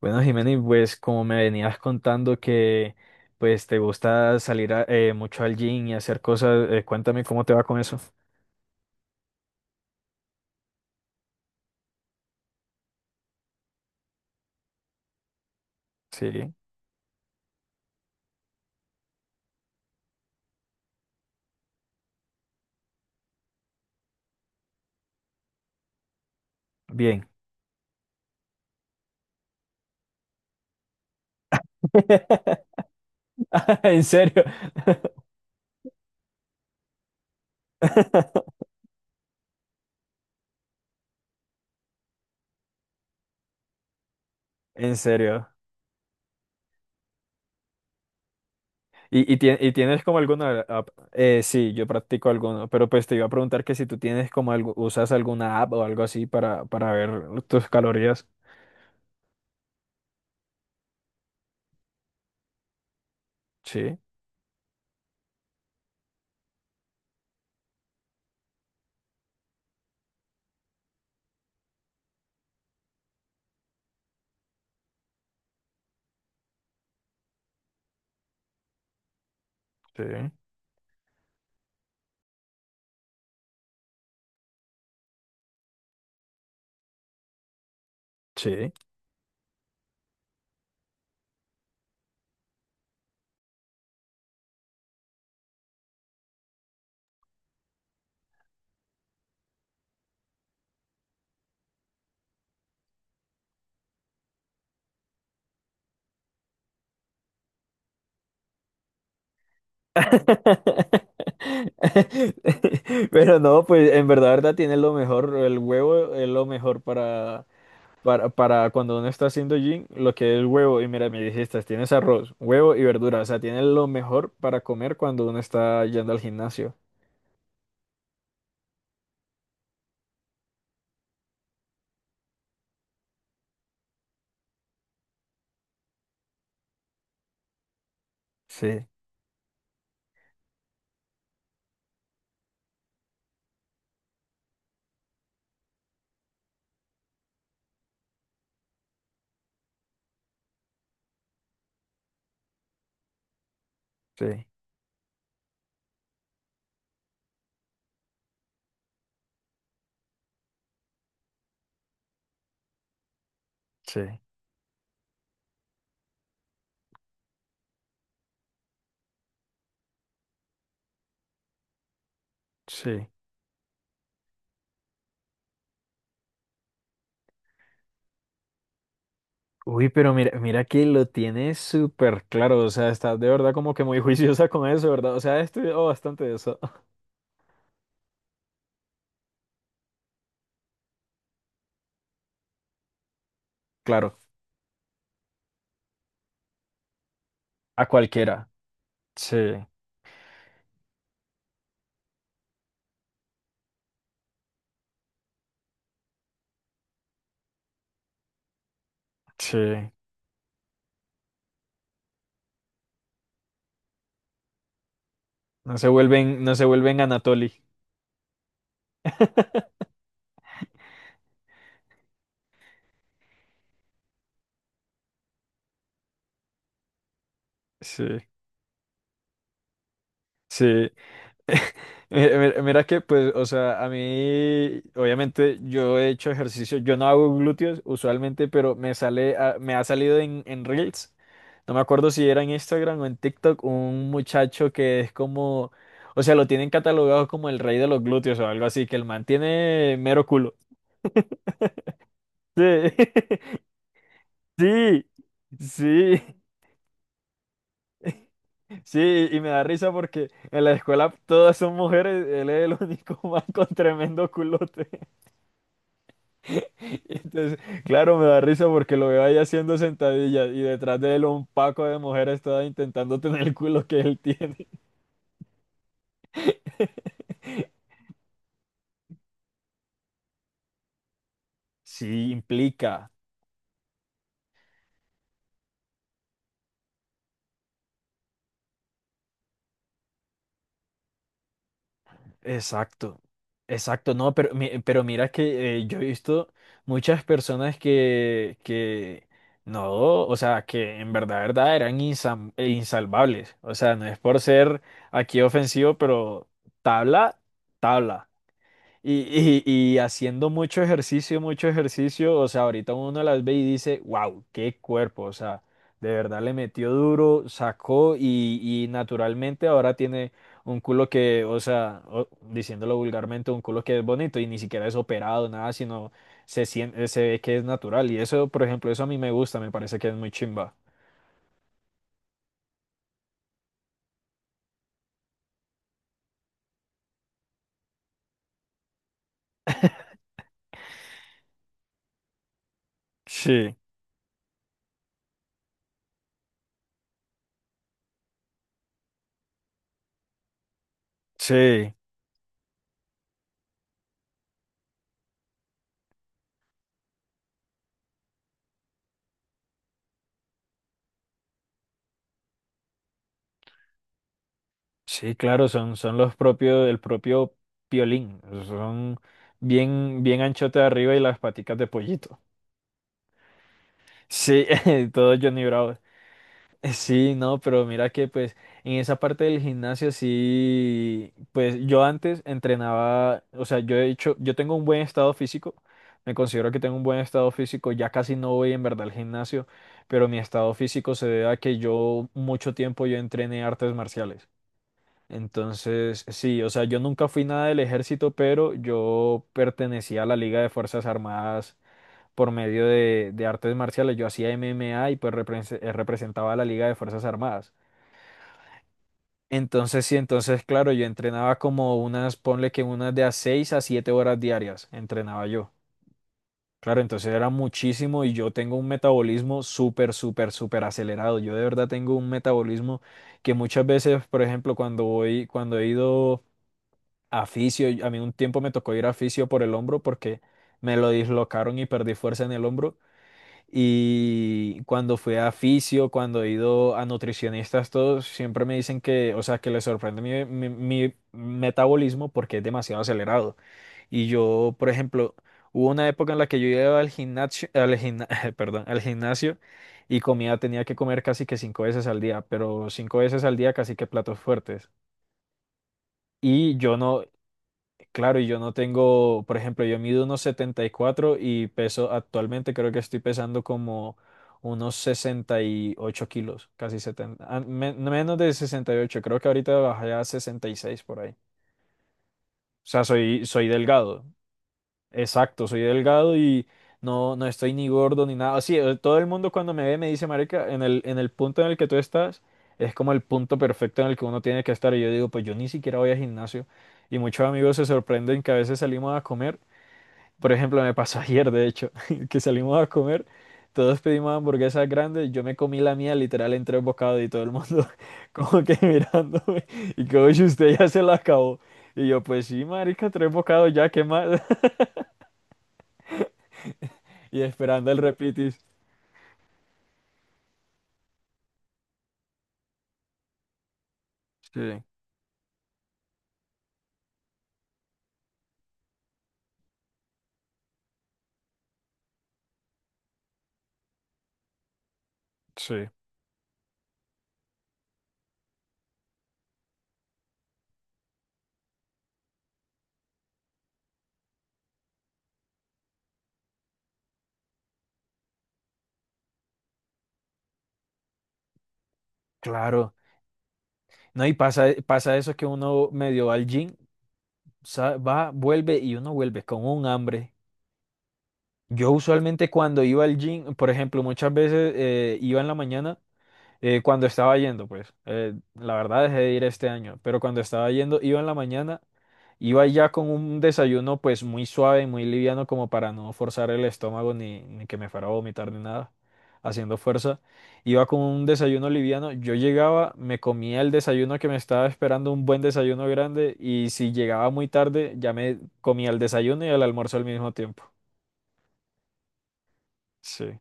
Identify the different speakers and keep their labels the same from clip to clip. Speaker 1: Bueno, Jimena, pues como me venías contando que pues te gusta salir mucho al gym y hacer cosas, cuéntame cómo te va con eso. Sí, bien. En serio. En serio. ¿Y tienes como alguna app? Sí, yo practico alguno, pero pues te iba a preguntar que si tú tienes como algo, usas alguna app o algo así para ver tus calorías. Sí, sí, sí. Pero no, pues en verdad, verdad tiene lo mejor, el huevo es lo mejor para cuando uno está haciendo gym, lo que es el huevo, y mira, me dijiste, tienes arroz, huevo y verdura, o sea, tiene lo mejor para comer cuando uno está yendo al gimnasio. Sí, sí, sí, sí. Uy, pero mira, mira que lo tienes súper claro, o sea, estás de verdad como que muy juiciosa con eso, ¿verdad? O sea, he estudiado bastante de eso. Claro, a cualquiera. Sí, sí. No se vuelven Anatoly. Sí, sí. Mira que, pues, o sea, a mí, obviamente, yo he hecho ejercicio, yo no hago glúteos usualmente, pero me ha salido en Reels, no me acuerdo si era en Instagram o en TikTok, un muchacho que es como, o sea, lo tienen catalogado como el rey de los glúteos o algo así, que el man tiene mero culo. Sí, sí, sí. Sí, y me da risa porque en la escuela todas son mujeres, él es el único man con tremendo culote. Y entonces, claro, me da risa porque lo veo ahí haciendo sentadillas y detrás de él un paco de mujeres todas intentando tener el culo que él tiene. Sí, implica. Exacto, exacto, no, pero, pero mira que yo he visto muchas personas que no, o sea, que en verdad, verdad eran insalvables, o sea, no es por ser aquí ofensivo, pero tabla, tabla. Y, y, y haciendo mucho ejercicio, o sea, ahorita uno las ve y dice, wow, qué cuerpo, o sea, de verdad le metió duro, sacó y naturalmente ahora tiene un culo que, o sea, diciéndolo vulgarmente, un culo que es bonito y ni siquiera es operado, nada, sino se siente, se ve que es natural. Y eso, por ejemplo, eso a mí me gusta, me parece que es muy chimba. Sí, sí. Sí, claro, son, son los propios, el propio piolín. Son bien, bien anchote de arriba y las paticas de pollito. Sí, todo Johnny Bravo. Sí, no, pero mira que pues en esa parte del gimnasio sí, pues yo antes entrenaba, o sea, yo he hecho, yo tengo un buen estado físico, me considero que tengo un buen estado físico, ya casi no voy en verdad al gimnasio, pero mi estado físico se debe a que yo mucho tiempo yo entrené artes marciales. Entonces, sí, o sea, yo nunca fui nada del ejército, pero yo pertenecía a la Liga de Fuerzas Armadas por medio de artes marciales. Yo hacía MMA y pues representaba a la Liga de Fuerzas Armadas. Entonces, sí, entonces, claro, yo entrenaba como unas, ponle que unas de a 6 a 7 horas diarias, entrenaba yo. Claro, entonces era muchísimo y yo tengo un metabolismo súper, súper, súper acelerado. Yo de verdad tengo un metabolismo que muchas veces, por ejemplo, cuando voy, cuando he ido a fisio, a mí un tiempo me tocó ir a fisio por el hombro porque me lo dislocaron y perdí fuerza en el hombro. Y cuando fui a fisio, cuando he ido a nutricionistas, todos siempre me dicen que, o sea, que les sorprende mi metabolismo porque es demasiado acelerado. Y yo, por ejemplo, hubo una época en la que yo iba al gimnasio, al gimna- perdón, al gimnasio y comía, tenía que comer casi que cinco veces al día, pero cinco veces al día casi que platos fuertes. Y yo no. Claro, y yo no tengo, por ejemplo, yo mido unos setenta y cuatro y peso actualmente, creo que estoy pesando como unos 68 kilos, casi setenta, ah, menos de 68. Creo que ahorita bajé a 66 por ahí. O sea, soy, soy delgado, exacto, soy delgado y no, no estoy ni gordo ni nada. Así, todo el mundo cuando me ve me dice, marica, en el punto en el que tú estás, es como el punto perfecto en el que uno tiene que estar. Y yo digo, pues yo ni siquiera voy al gimnasio. Y muchos amigos se sorprenden que a veces salimos a comer. Por ejemplo, me pasó ayer, de hecho, que salimos a comer, todos pedimos hamburguesas grandes, yo me comí la mía literal en tres bocados y todo el mundo como que mirándome y como si usted ya se la acabó. Y yo, pues sí, marica, tres bocados ya, ¿qué más? Y esperando el repitis. Sí, sí, claro. No, y pasa, pasa eso que uno medio va al gym, vuelve y uno vuelve con un hambre. Yo usualmente cuando iba al gym, por ejemplo, muchas veces iba en la mañana. Cuando estaba yendo, pues, la verdad dejé de ir este año, pero cuando estaba yendo, iba en la mañana, iba ya con un desayuno pues muy suave, muy liviano, como para no forzar el estómago ni, ni que me fuera a vomitar ni nada, haciendo fuerza. Iba con un desayuno liviano, yo llegaba, me comía el desayuno que me estaba esperando, un buen desayuno grande, y si llegaba muy tarde, ya me comía el desayuno y el almuerzo al mismo tiempo. Sí,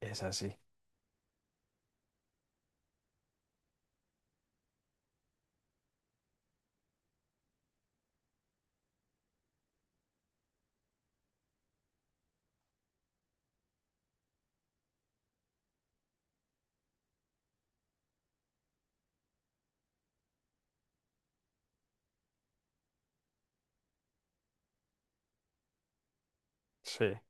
Speaker 1: es así. Sí.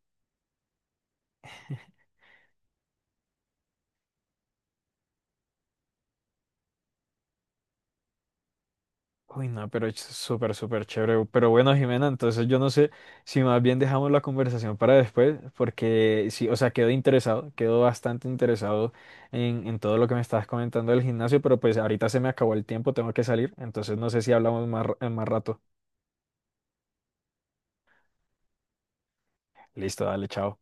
Speaker 1: Uy, no, pero es súper, súper chévere. Pero bueno, Jimena, entonces yo no sé si más bien dejamos la conversación para después, porque sí, o sea, quedo interesado, quedo bastante interesado en todo lo que me estabas comentando del gimnasio, pero pues ahorita se me acabó el tiempo, tengo que salir, entonces no sé si hablamos más, en más rato. Listo, dale, chao.